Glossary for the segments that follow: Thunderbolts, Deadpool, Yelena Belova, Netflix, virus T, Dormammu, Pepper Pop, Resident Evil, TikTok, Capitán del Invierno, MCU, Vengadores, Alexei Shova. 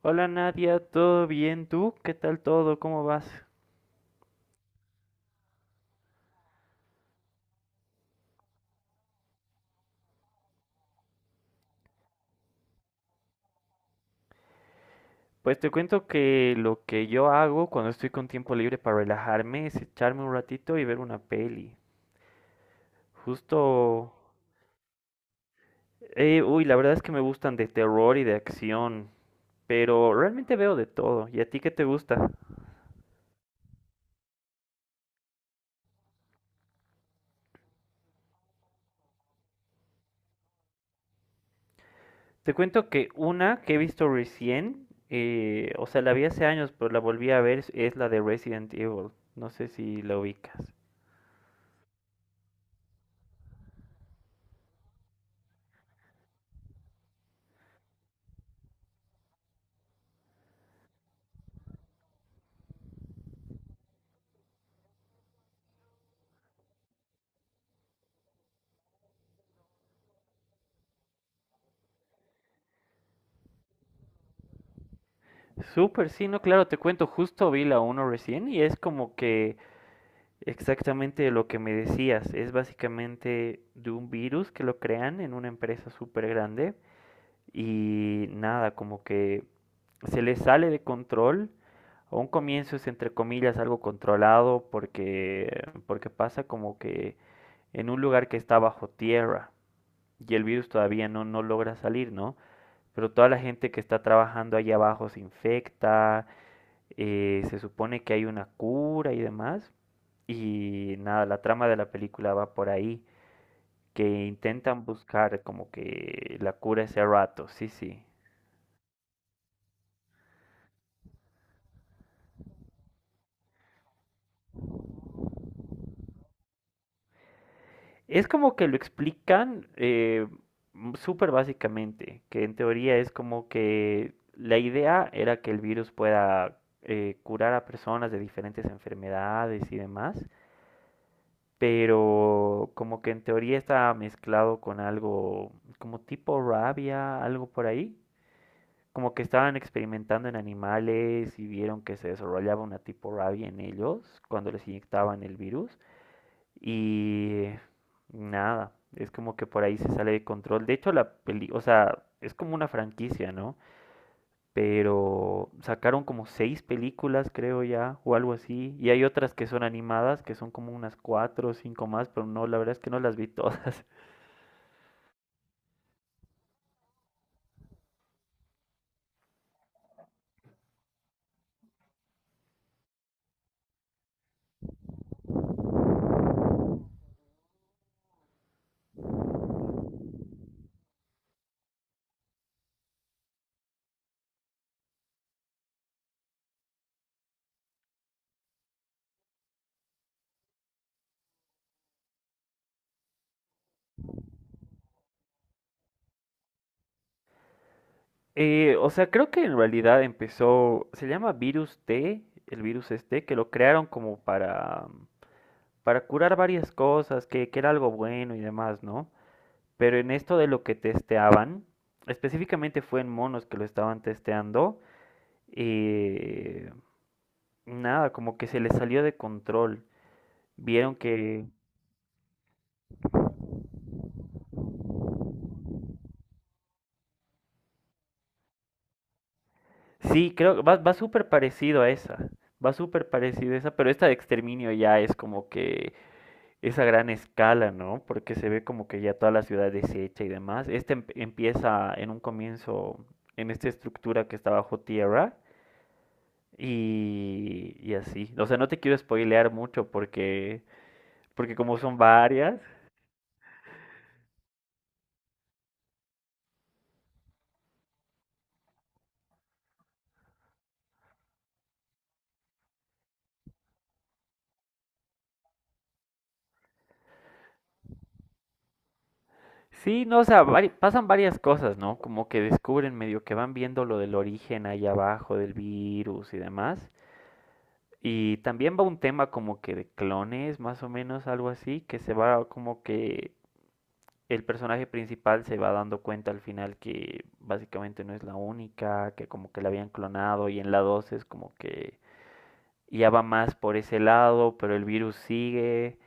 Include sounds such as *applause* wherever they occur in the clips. Hola Nadia, ¿todo bien? ¿Tú? ¿Qué tal todo? ¿Cómo vas? Pues te cuento que lo que yo hago cuando estoy con tiempo libre para relajarme es echarme un ratito y ver una peli. Justo, uy, la verdad es que me gustan de terror y de acción, pero realmente veo de todo. ¿Y a ti qué te gusta? Te cuento que una que he visto recién, o sea, la vi hace años, pero la volví a ver, es la de Resident Evil. No sé si la ubicas. Súper, sí, no, claro, te cuento, justo vi la uno recién y es como que exactamente lo que me decías, es básicamente de un virus que lo crean en una empresa súper grande y nada, como que se les sale de control, a un comienzo es entre comillas algo controlado, porque pasa como que en un lugar que está bajo tierra y el virus todavía no, no logra salir, ¿no? Pero toda la gente que está trabajando ahí abajo se infecta, se supone que hay una cura y demás. Y nada, la trama de la película va por ahí, que intentan buscar como que la cura ese rato, sí, sí. Es como que lo explican, súper básicamente, que en teoría es como que la idea era que el virus pueda, curar a personas de diferentes enfermedades y demás, pero como que en teoría está mezclado con algo como tipo rabia, algo por ahí, como que estaban experimentando en animales y vieron que se desarrollaba una tipo rabia en ellos cuando les inyectaban el virus. Y nada, es como que por ahí se sale de control. De hecho, la peli, o sea, es como una franquicia, ¿no? Pero sacaron como seis películas, creo ya, o algo así. Y hay otras que son animadas, que son como unas cuatro o cinco más, pero no, la verdad es que no las vi *laughs* todas. O sea, creo que en realidad empezó, se llama virus T, el virus este, que lo crearon como para curar varias cosas, que era algo bueno y demás, ¿no? Pero en esto de lo que testeaban, específicamente fue en monos que lo estaban testeando, eh, nada, como que se les salió de control. Vieron que... Sí, creo que va súper parecido a esa, pero esta de exterminio ya es como que esa gran escala, ¿no? Porque se ve como que ya toda la ciudad deshecha y demás. Este empieza en un comienzo en esta estructura que está bajo tierra, y así. O sea, no te quiero spoilear mucho, porque como son varias. Sí, no, o sea, pasan varias cosas, ¿no? Como que descubren medio que van viendo lo del origen ahí abajo del virus y demás. Y también va un tema como que de clones, más o menos, algo así, que se va como que el personaje principal se va dando cuenta al final que básicamente no es la única, que como que la habían clonado, y en la 2 es como que ya va más por ese lado, pero el virus sigue,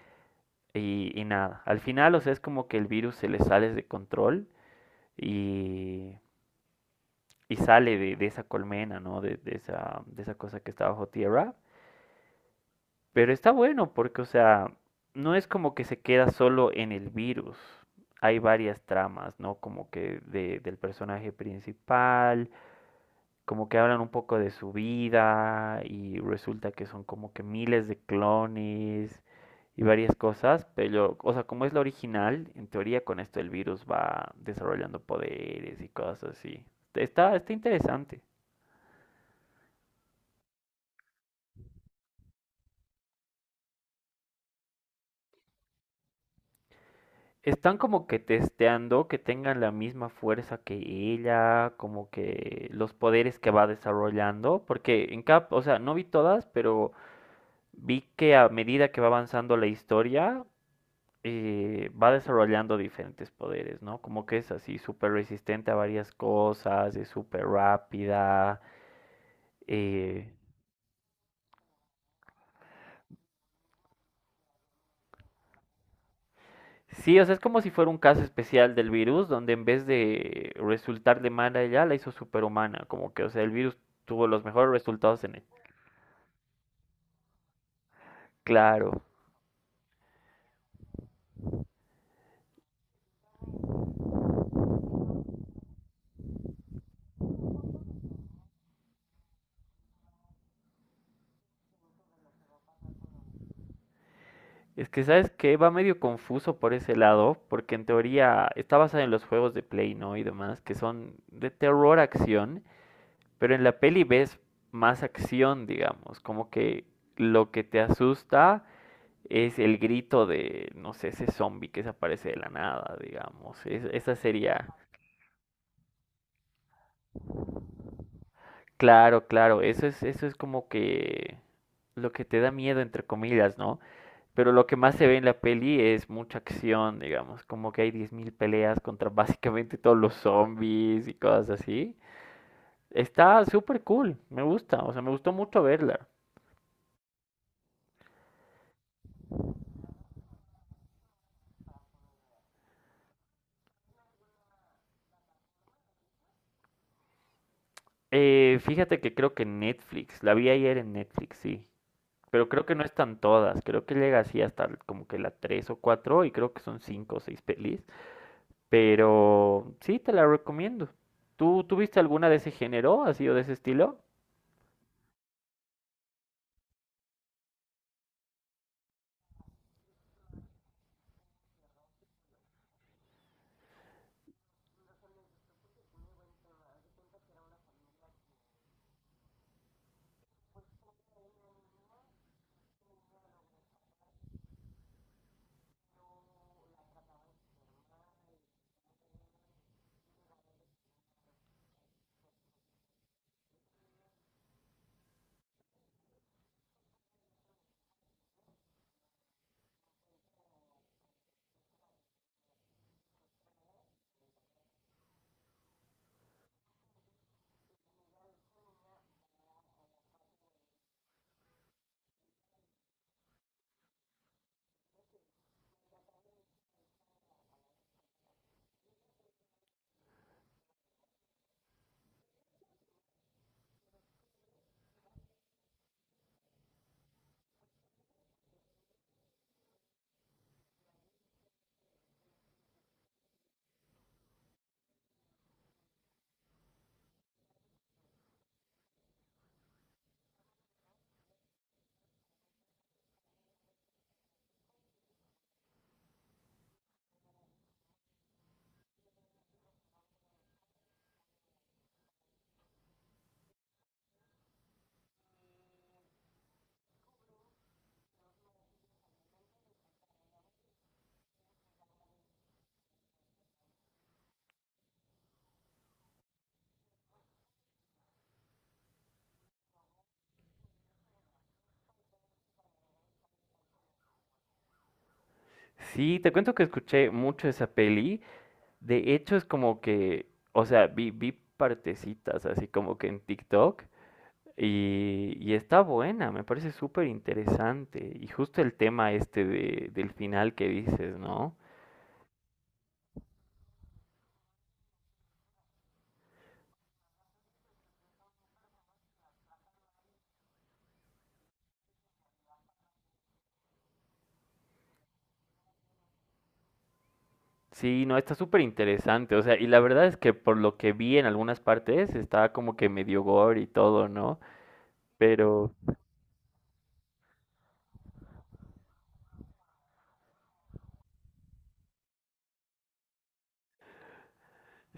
y nada. Al final, o sea, es como que el virus se le sale de control y, y sale de esa colmena, ¿no? De esa cosa que está bajo tierra. Pero está bueno porque, o sea, no es como que se queda solo en el virus. Hay varias tramas, ¿no? Como que del personaje principal, como que hablan un poco de su vida y resulta que son como que miles de clones y varias cosas, pero, o sea, como es la original, en teoría con esto el virus va desarrollando poderes y cosas así. Está interesante. Están como que testeando que tengan la misma fuerza que ella, como que los poderes que va desarrollando, porque en Cap, o sea, no vi todas, pero vi que a medida que va avanzando la historia, va desarrollando diferentes poderes, ¿no? Como que es así, súper resistente a varias cosas, es súper rápida. eh, Sí, o sea, es como si fuera un caso especial del virus, donde en vez de resultarle mala a ella, la hizo superhumana. Como que, o sea, el virus tuvo los mejores resultados en él. Claro. Es que, ¿sabes qué? Va medio confuso por ese lado, porque en teoría está basada en los juegos de Play, ¿no? Y demás, que son de terror acción, pero en la peli ves más acción, digamos. Como que lo que te asusta es el grito de, no sé, ese zombie que se aparece de la nada, digamos. Esa sería. Claro, claro, eso es como que lo que te da miedo, entre comillas, ¿no? Pero lo que más se ve en la peli es mucha acción, digamos, como que hay 10,000 peleas contra básicamente todos los zombies y cosas así. Está súper cool, me gusta, o sea, me gustó mucho verla. Fíjate que creo que Netflix, la vi ayer en Netflix, sí, pero creo que no están todas, creo que llega así hasta como que la 3 o cuatro, y creo que son 5 o 6 pelis. Pero sí, te la recomiendo. ¿Tú tuviste alguna de ese género, así, o de ese estilo? Sí, te cuento que escuché mucho esa peli. De hecho, es como que, o sea, vi partecitas así como que en TikTok, y está buena, me parece súper interesante. Y justo el tema este del final que dices, ¿no? Sí, no, está súper interesante. O sea, y la verdad es que por lo que vi en algunas partes está como que medio gore y todo, ¿no? Pero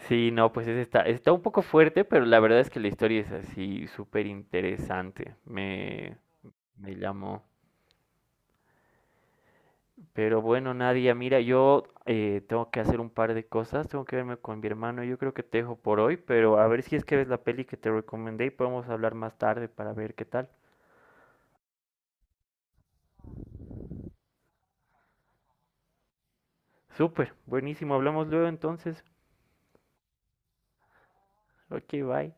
sí, no, pues ese está un poco fuerte, pero la verdad es que la historia es así súper interesante. Me llamó. Pero bueno, Nadia, mira, yo tengo que hacer un par de cosas, tengo que verme con mi hermano, yo creo que te dejo por hoy, pero a ver si es que ves la peli que te recomendé y podemos hablar más tarde para ver qué tal. Súper, buenísimo, hablamos luego entonces. Ok, bye.